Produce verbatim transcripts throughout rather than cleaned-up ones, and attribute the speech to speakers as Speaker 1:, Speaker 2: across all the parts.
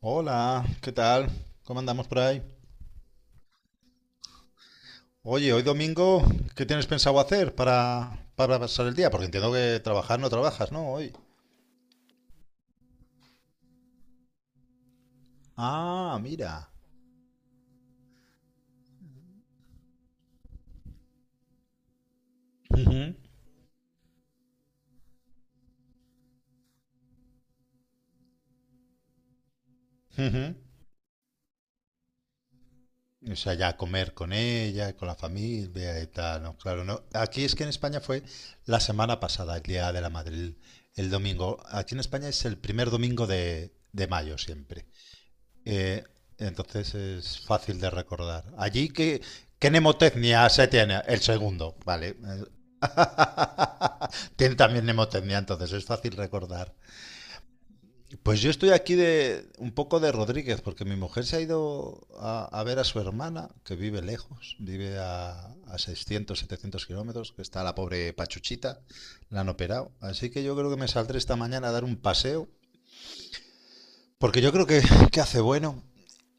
Speaker 1: Hola, ¿qué tal? ¿Cómo andamos por ahí? Oye, hoy domingo, ¿qué tienes pensado hacer para, para pasar el día? Porque entiendo que trabajar no trabajas, ¿no? Hoy. Ah, mira. Ujú, ujú. O sea, ya comer con ella, con la familia y tal, ¿no? Claro, no. Aquí es que en España fue la semana pasada, el Día de la Madrid, el el domingo. Aquí en España es el primer domingo de, de mayo siempre. Eh, entonces es fácil de recordar. Allí, ¿qué, qué nemotecnia se tiene? El segundo, vale. Tiene también nemotecnia, entonces es fácil recordar. Pues yo estoy aquí de un poco de Rodríguez, porque mi mujer se ha ido a, a ver a su hermana, que vive lejos, vive a, a seiscientos, setecientos kilómetros, que está la pobre Pachuchita, la han operado. Así que yo creo que me saldré esta mañana a dar un paseo. Porque yo creo que, que hace bueno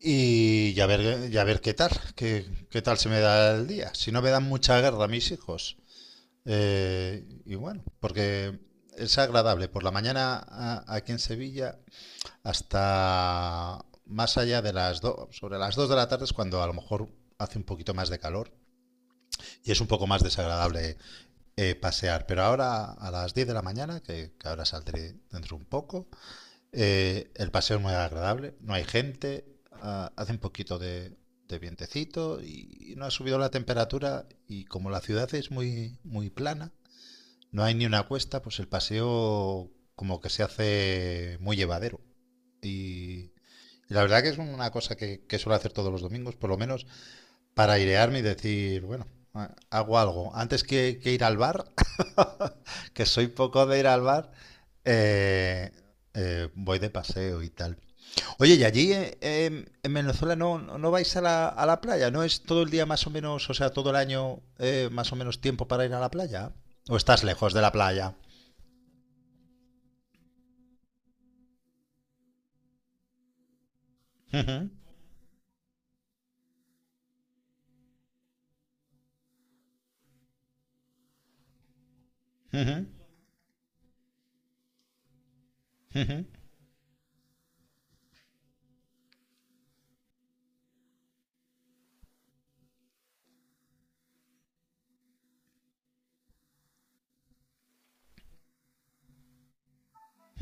Speaker 1: y ya ver, ya ver qué tal, qué, qué tal se me da el día. Si no me dan mucha guerra a mis hijos. Eh, y bueno, porque es agradable. Por la mañana a- aquí en Sevilla hasta más allá de las dos, sobre las dos de la tarde es cuando a lo mejor hace un poquito más de calor y es un poco más desagradable eh, pasear. Pero ahora a las diez de la mañana, que, que ahora saldré dentro un poco. Eh, el paseo es muy agradable, no hay gente, ah, hace un poquito de, de vientecito y no ha subido la temperatura, y como la ciudad es muy, muy plana, no hay ni una cuesta, pues el paseo como que se hace muy llevadero. Y, y la verdad que es una cosa que, que suelo hacer todos los domingos, por lo menos para airearme y decir, bueno, a- hago algo. Antes que, que ir al bar, que soy poco de ir al bar, eh, eh, voy de paseo y tal. Oye, y allí eh, em, en Venezuela no, no no vais a la, a la playa, ¿no es todo el día más o menos, o sea, todo el año eh, más o menos tiempo para ir a la playa? ¿O estás lejos de la playa? Ujú, ujú, ujú,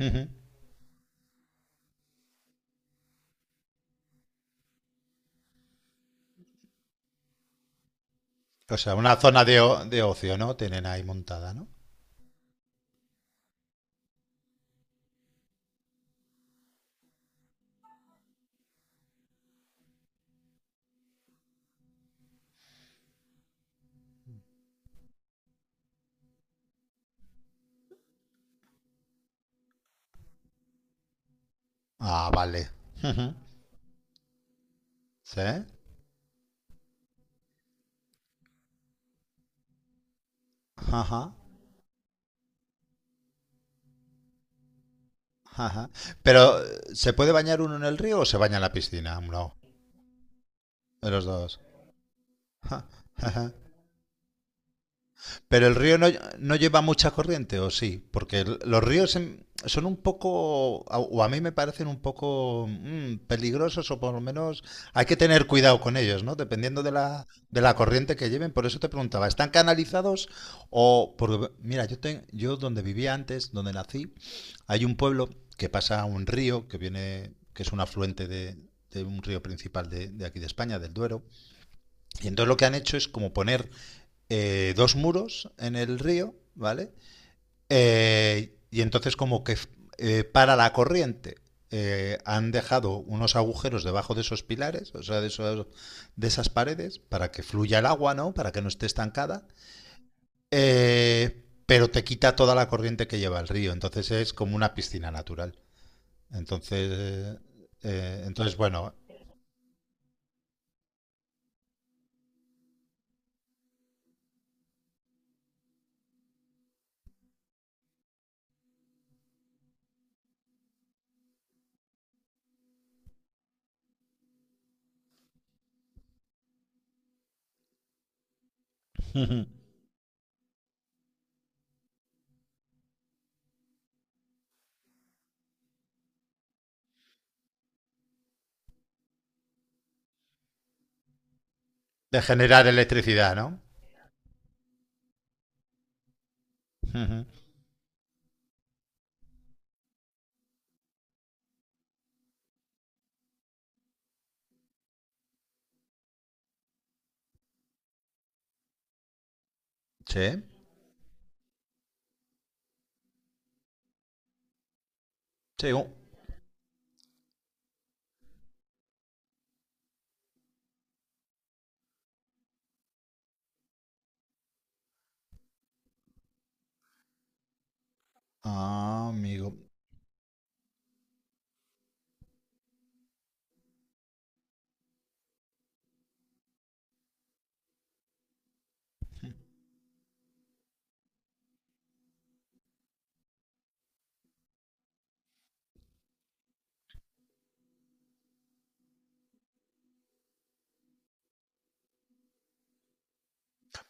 Speaker 1: ujú. O sea, una zona de, o- de ocio, ¿no? Tienen ahí montada, ¿no? Ah, vale. Ujú. ¿Sí? Ajá. Ajá. Pero, ¿se puede bañar uno en el río o se baña en la piscina? No, de los dos. Ja, ajá. Pero el río no, no lleva mucha corriente, ¿o sí? Porque el- los ríos en- son un poco, a- o a mí me parecen un poco mm, peligrosos, o por lo menos hay que tener cuidado con ellos, ¿no? Dependiendo de la, de la corriente que lleven. Por eso te preguntaba, ¿están canalizados o...? Porque, mira, yo, ten- yo donde vivía antes, donde nací, hay un pueblo que pasa un río que viene, que es un afluente de, de un río principal de, de aquí de España, del Duero. Y entonces lo que han hecho es como poner eh, dos muros en el río, ¿vale? Eh, y entonces como que eh, para la corriente eh, han dejado unos agujeros debajo de esos pilares, o sea, de, esos- de esas paredes, para que fluya el agua, ¿no? Para que no esté estancada. Eh, pero te quita toda la corriente que lleva el río, entonces es como una piscina natural. Entonces, eh, eh, entonces bueno, de generar electricidad, ¿no? Sí, sí. Ah, amigo.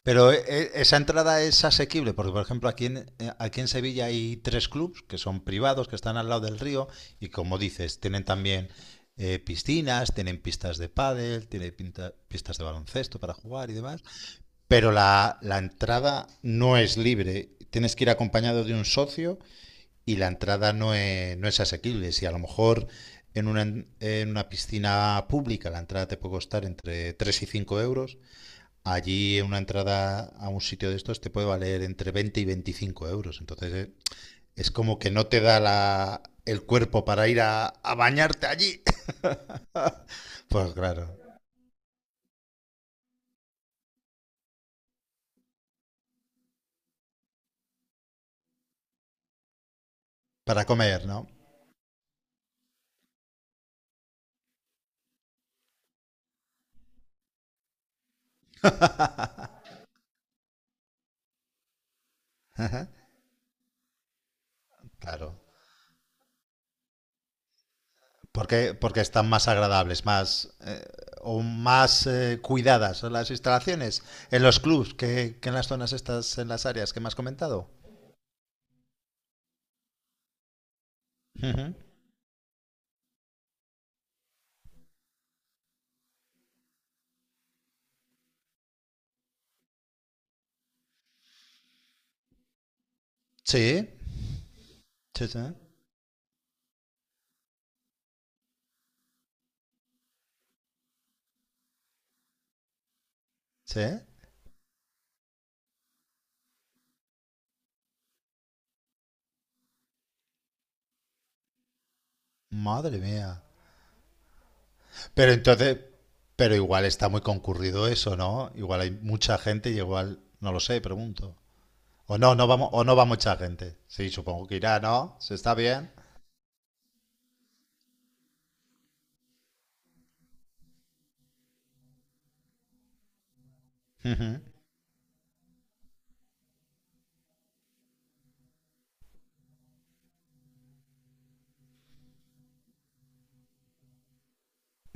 Speaker 1: Pero eh, eh, esa entrada es asequible, porque por ejemplo aquí en, eh, aquí en Sevilla hay tres clubs que son privados, que están al lado del río, y como dices, tienen también eh, piscinas, tienen pistas de pádel, tienen pinta- pistas de baloncesto para jugar y demás. Pero la, la entrada no es libre, tienes que ir acompañado de un socio, y la entrada no es, no es asequible. Si a lo mejor en una, en una piscina pública la entrada te puede costar entre tres y cinco euros, allí una entrada a un sitio de estos te puede valer entre veinte y veinticinco euros. Entonces eh, es como que no te da la, el cuerpo para ir a, a bañarte allí. Pues claro, para comer, ¿no? Claro, porque, porque están más agradables, más eh, o más eh, cuidadas las instalaciones en los clubs que, que en las zonas estas, en las áreas que me has comentado. Ujú. Sí, sí, sí, sí. Madre mía. Pero entonces, pero igual está muy concurrido eso, ¿no? Igual hay mucha gente y igual, no lo sé, pregunto. O no, no vamos, o no va mucha gente. Sí, supongo que irá, ¿no? Se está bien. Ujú.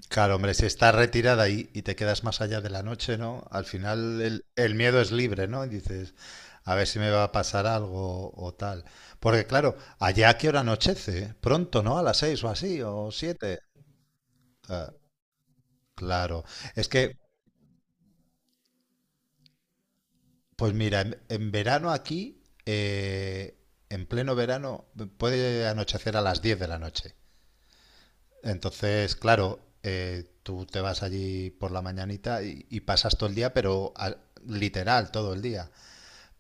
Speaker 1: Claro, hombre, si estás retirada ahí y te quedas más allá de la noche, ¿no? Al final el, el miedo es libre, ¿no? Y dices, a ver si me va a pasar algo o tal. Porque claro, allá a qué hora anochece, pronto, ¿no? A las seis o así, o siete. Ah, claro. Es que... Pues mira, en, en verano aquí, eh, en pleno verano, puede anochecer a las diez de la noche. Entonces, claro, eh, tú te vas allí por la mañanita y, y pasas todo el día, pero a- literal todo el día.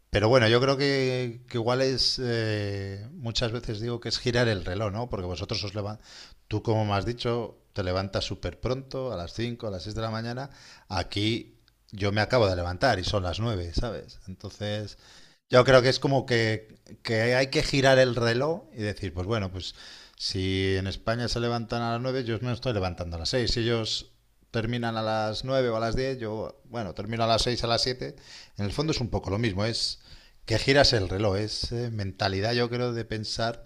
Speaker 1: Pero bueno, yo creo que, que igual es, eh, muchas veces digo que es girar el reloj, ¿no? Porque vosotros os levantáis, tú como me has dicho, te levantas súper pronto, a las cinco, a las seis de la mañana. Aquí yo me acabo de levantar y son las nueve, ¿sabes? Entonces, yo creo que es como que, que hay que girar el reloj y decir, pues bueno, pues si en España se levantan a las nueve, yo me estoy levantando a las seis. Si ellos terminan a las nueve o a las diez, yo, bueno, termino a las seis a las siete. En el fondo es un poco lo mismo, es que giras el reloj, es eh, mentalidad, yo creo, de pensar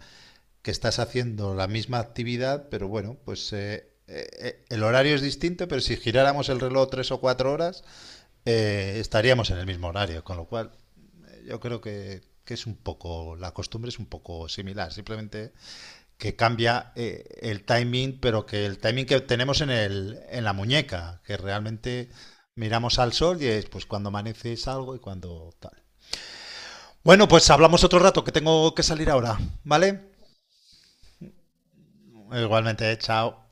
Speaker 1: que estás haciendo la misma actividad, pero bueno, pues eh, eh, eh, el horario es distinto, pero si giráramos el reloj tres o cuatro horas, eh, estaríamos en el mismo horario, con lo cual eh, yo creo que, que es un poco, la costumbre es un poco similar, simplemente que cambia eh, el timing, pero que el timing que tenemos en, el, en la muñeca, que realmente miramos al sol y es pues cuando amanece salgo y cuando tal. Bueno, pues hablamos otro rato, que tengo que salir ahora, ¿vale? Igualmente, chao.